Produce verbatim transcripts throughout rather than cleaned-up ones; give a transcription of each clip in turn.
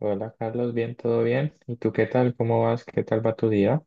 Hola Carlos, bien, todo bien. ¿Y tú qué tal? ¿Cómo vas? ¿Qué tal va tu día?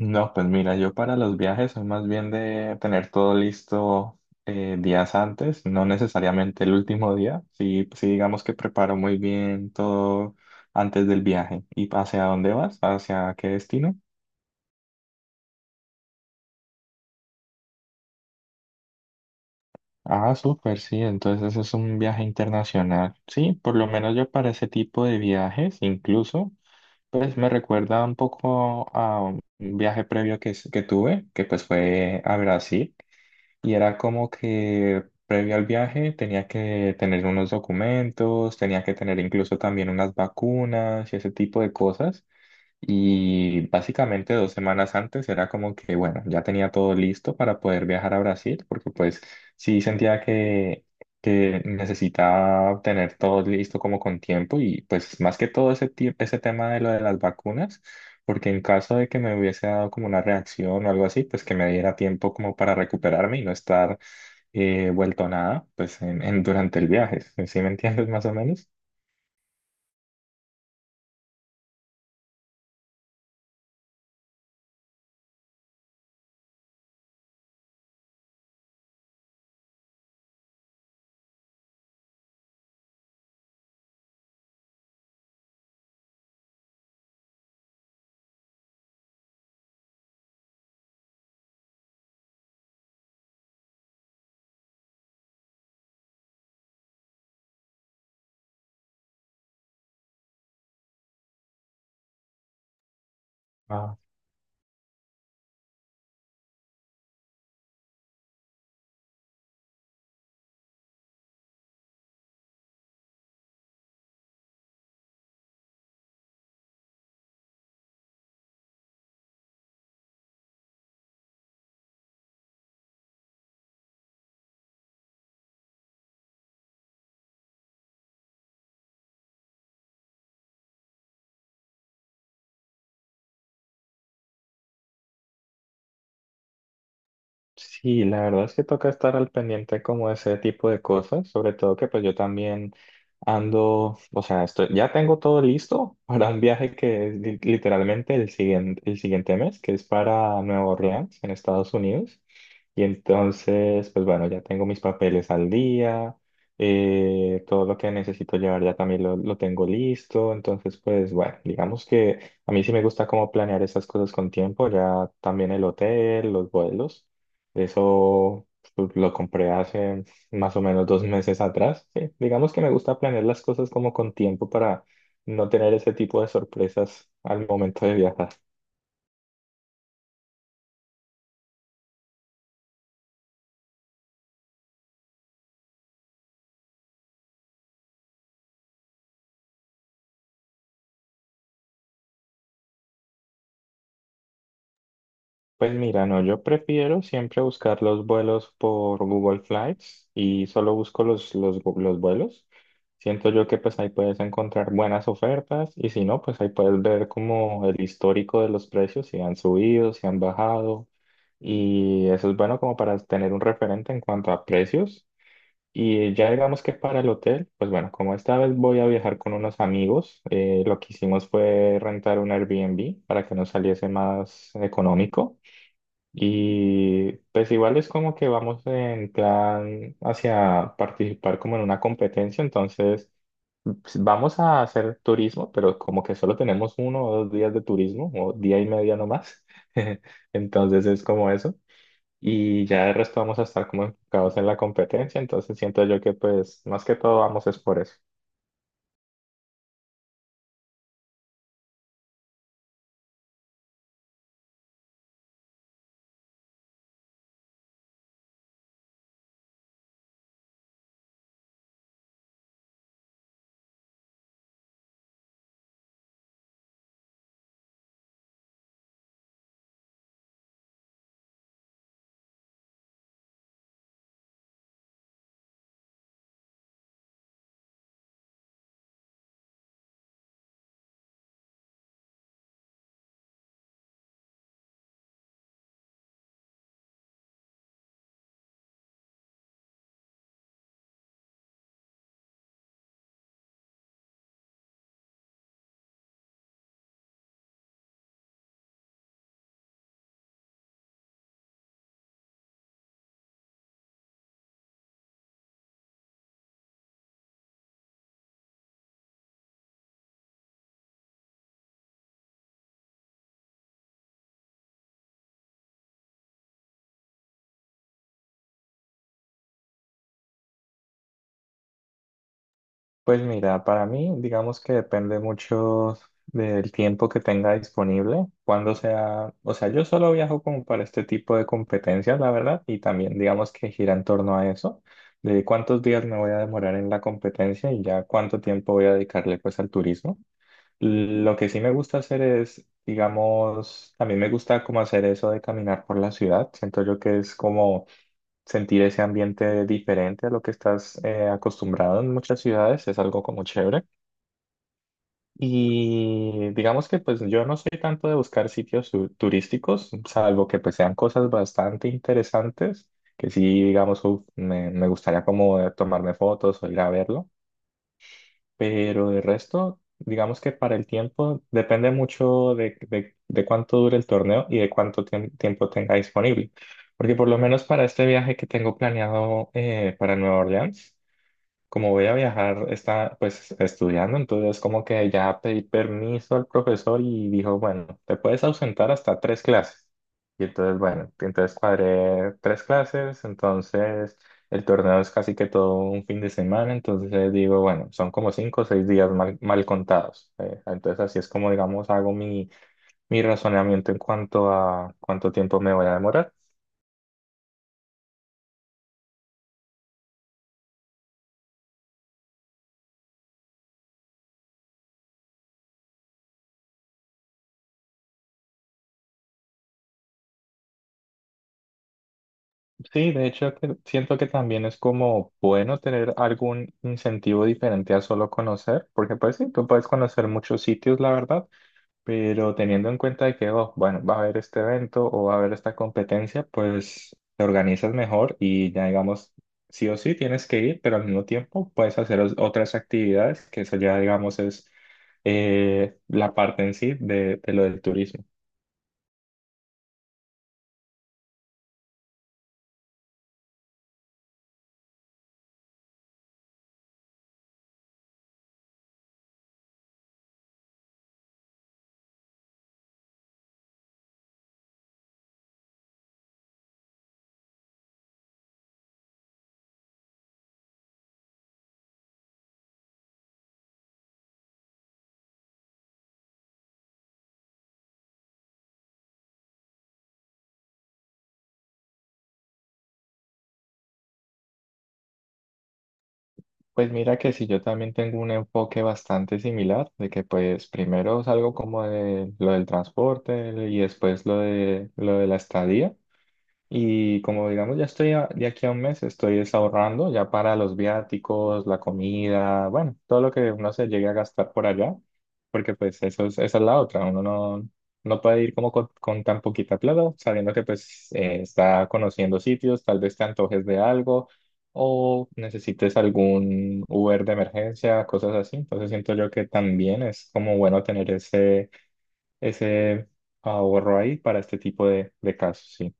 No, pues mira, yo para los viajes soy más bien de tener todo listo eh, días antes, no necesariamente el último día, sí, pues sí digamos que preparo muy bien todo antes del viaje. ¿Y hacia dónde vas? ¿Hacia qué destino? Ah, súper, sí, entonces es un viaje internacional. Sí, por lo menos yo para ese tipo de viajes, incluso. Pues me recuerda un poco a un viaje previo que, s- que tuve, que pues fue a Brasil, y era como que previo al viaje tenía que tener unos documentos, tenía que tener incluso también unas vacunas y ese tipo de cosas. Y básicamente dos semanas antes era como que, bueno, ya tenía todo listo para poder viajar a Brasil, porque pues sí sentía que, que necesitaba tener todo listo como con tiempo y pues más que todo ese, tie- ese tema de lo de las vacunas, porque en caso de que me hubiese dado como una reacción o algo así, pues que me diera tiempo como para recuperarme y no estar eh, vuelto nada, pues en, en- durante el viaje. ¿Sí me entiendes más o menos? Sí, la verdad es que toca estar al pendiente como de ese tipo de cosas, sobre todo que pues yo también ando, o sea, estoy, ya tengo todo listo para un viaje que es li- literalmente el siguiente, el siguiente mes, que es para Nueva Orleans, en Estados Unidos. Y entonces, pues bueno, ya tengo mis papeles al día, eh, todo lo que necesito llevar ya también lo, lo tengo listo. Entonces, pues bueno, digamos que a mí sí me gusta como planear esas cosas con tiempo, ya también el hotel, los vuelos. Eso pues, lo compré hace más o menos dos meses atrás. Sí, digamos que me gusta planear las cosas como con tiempo para no tener ese tipo de sorpresas al momento de viajar. Pues mira, no, yo prefiero siempre buscar los vuelos por Google Flights y solo busco los, los, gu- los vuelos. Siento yo que pues ahí puedes encontrar buenas ofertas y si no, pues ahí puedes ver como el histórico de los precios, si han subido, si han bajado y eso es bueno como para tener un referente en cuanto a precios. Y ya digamos que para el hotel, pues bueno, como esta vez voy a viajar con unos amigos, eh, lo que hicimos fue rentar un Airbnb para que nos saliese más económico. Y pues igual es como que vamos en plan hacia participar como en una competencia, entonces pues, vamos a hacer turismo, pero como que solo tenemos uno o dos días de turismo, o día y media nomás, entonces es como eso. Y ya de resto vamos a estar como enfocados en la competencia, entonces siento yo que pues más que todo vamos es por eso. Pues mira, para mí, digamos que depende mucho del tiempo que tenga disponible, cuando sea, o sea, yo solo viajo como para este tipo de competencias, la verdad, y también digamos que gira en torno a eso, de cuántos días me voy a demorar en la competencia y ya cuánto tiempo voy a dedicarle pues al turismo. Lo que sí me gusta hacer es, digamos, también me gusta como hacer eso de caminar por la ciudad, siento yo que es como sentir ese ambiente diferente a lo que estás eh, acostumbrado en muchas ciudades es algo como chévere. Y digamos que pues yo no soy tanto de buscar sitios tu- turísticos, salvo que pues sean cosas bastante interesantes, que sí, digamos, uf, me, me gustaría como eh, tomarme fotos o ir a verlo. Pero de resto, digamos que para el tiempo depende mucho de, de- de cuánto dure el torneo y de cuánto tiem- tiempo tenga disponible. Porque por lo menos para este viaje que tengo planeado eh, para Nueva Orleans, como voy a viajar, está pues estudiando, entonces como que ya pedí permiso al profesor y dijo, bueno, te puedes ausentar hasta tres clases. Y entonces, bueno, entonces cuadré tres clases, entonces el torneo es casi que todo un fin de semana, entonces digo, bueno, son como cinco o seis días mal, mal contados. Eh, entonces así es como, digamos, hago mi, mi razonamiento en cuanto a cuánto tiempo me voy a demorar. Sí, de hecho, que siento que también es como bueno tener algún incentivo diferente a solo conocer, porque pues sí, tú puedes conocer muchos sitios, la verdad, pero teniendo en cuenta de que, oh, bueno, va a haber este evento o va a haber esta competencia, pues te organizas mejor y ya digamos, sí o sí tienes que ir, pero al mismo tiempo puedes hacer os- otras actividades, que eso ya digamos es eh, la parte en sí de de lo del turismo. Pues mira que si yo también tengo un enfoque bastante similar, de que pues primero salgo como de lo del transporte y después lo de lo de la estadía. Y como digamos, ya estoy a- de aquí a un mes, estoy es ahorrando ya para los viáticos, la comida, bueno, todo lo que uno se llegue a gastar por allá, porque pues eso es, esa es la otra, uno no, no puede ir como con, con tan poquita plata, sabiendo que pues eh, está conociendo sitios, tal vez te antojes de algo o necesites algún Uber de emergencia, cosas así. Entonces siento yo que también es como bueno tener ese, ese ahorro ahí para este tipo de, de casos, sí.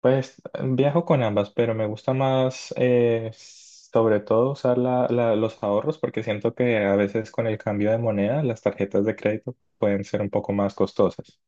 Pues viajo con ambas, pero me gusta más eh, sobre todo usar la- la- los ahorros porque siento que a veces con el cambio de moneda las tarjetas de crédito pueden ser un poco más costosas.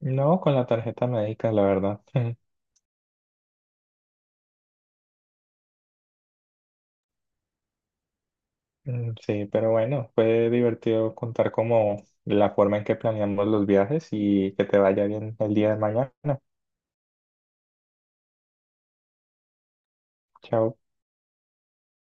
No, con la tarjeta médica, la verdad. Mm, sí, pero bueno, fue divertido contar como la forma en que planeamos los viajes y que te vaya bien el día de mañana. Chao.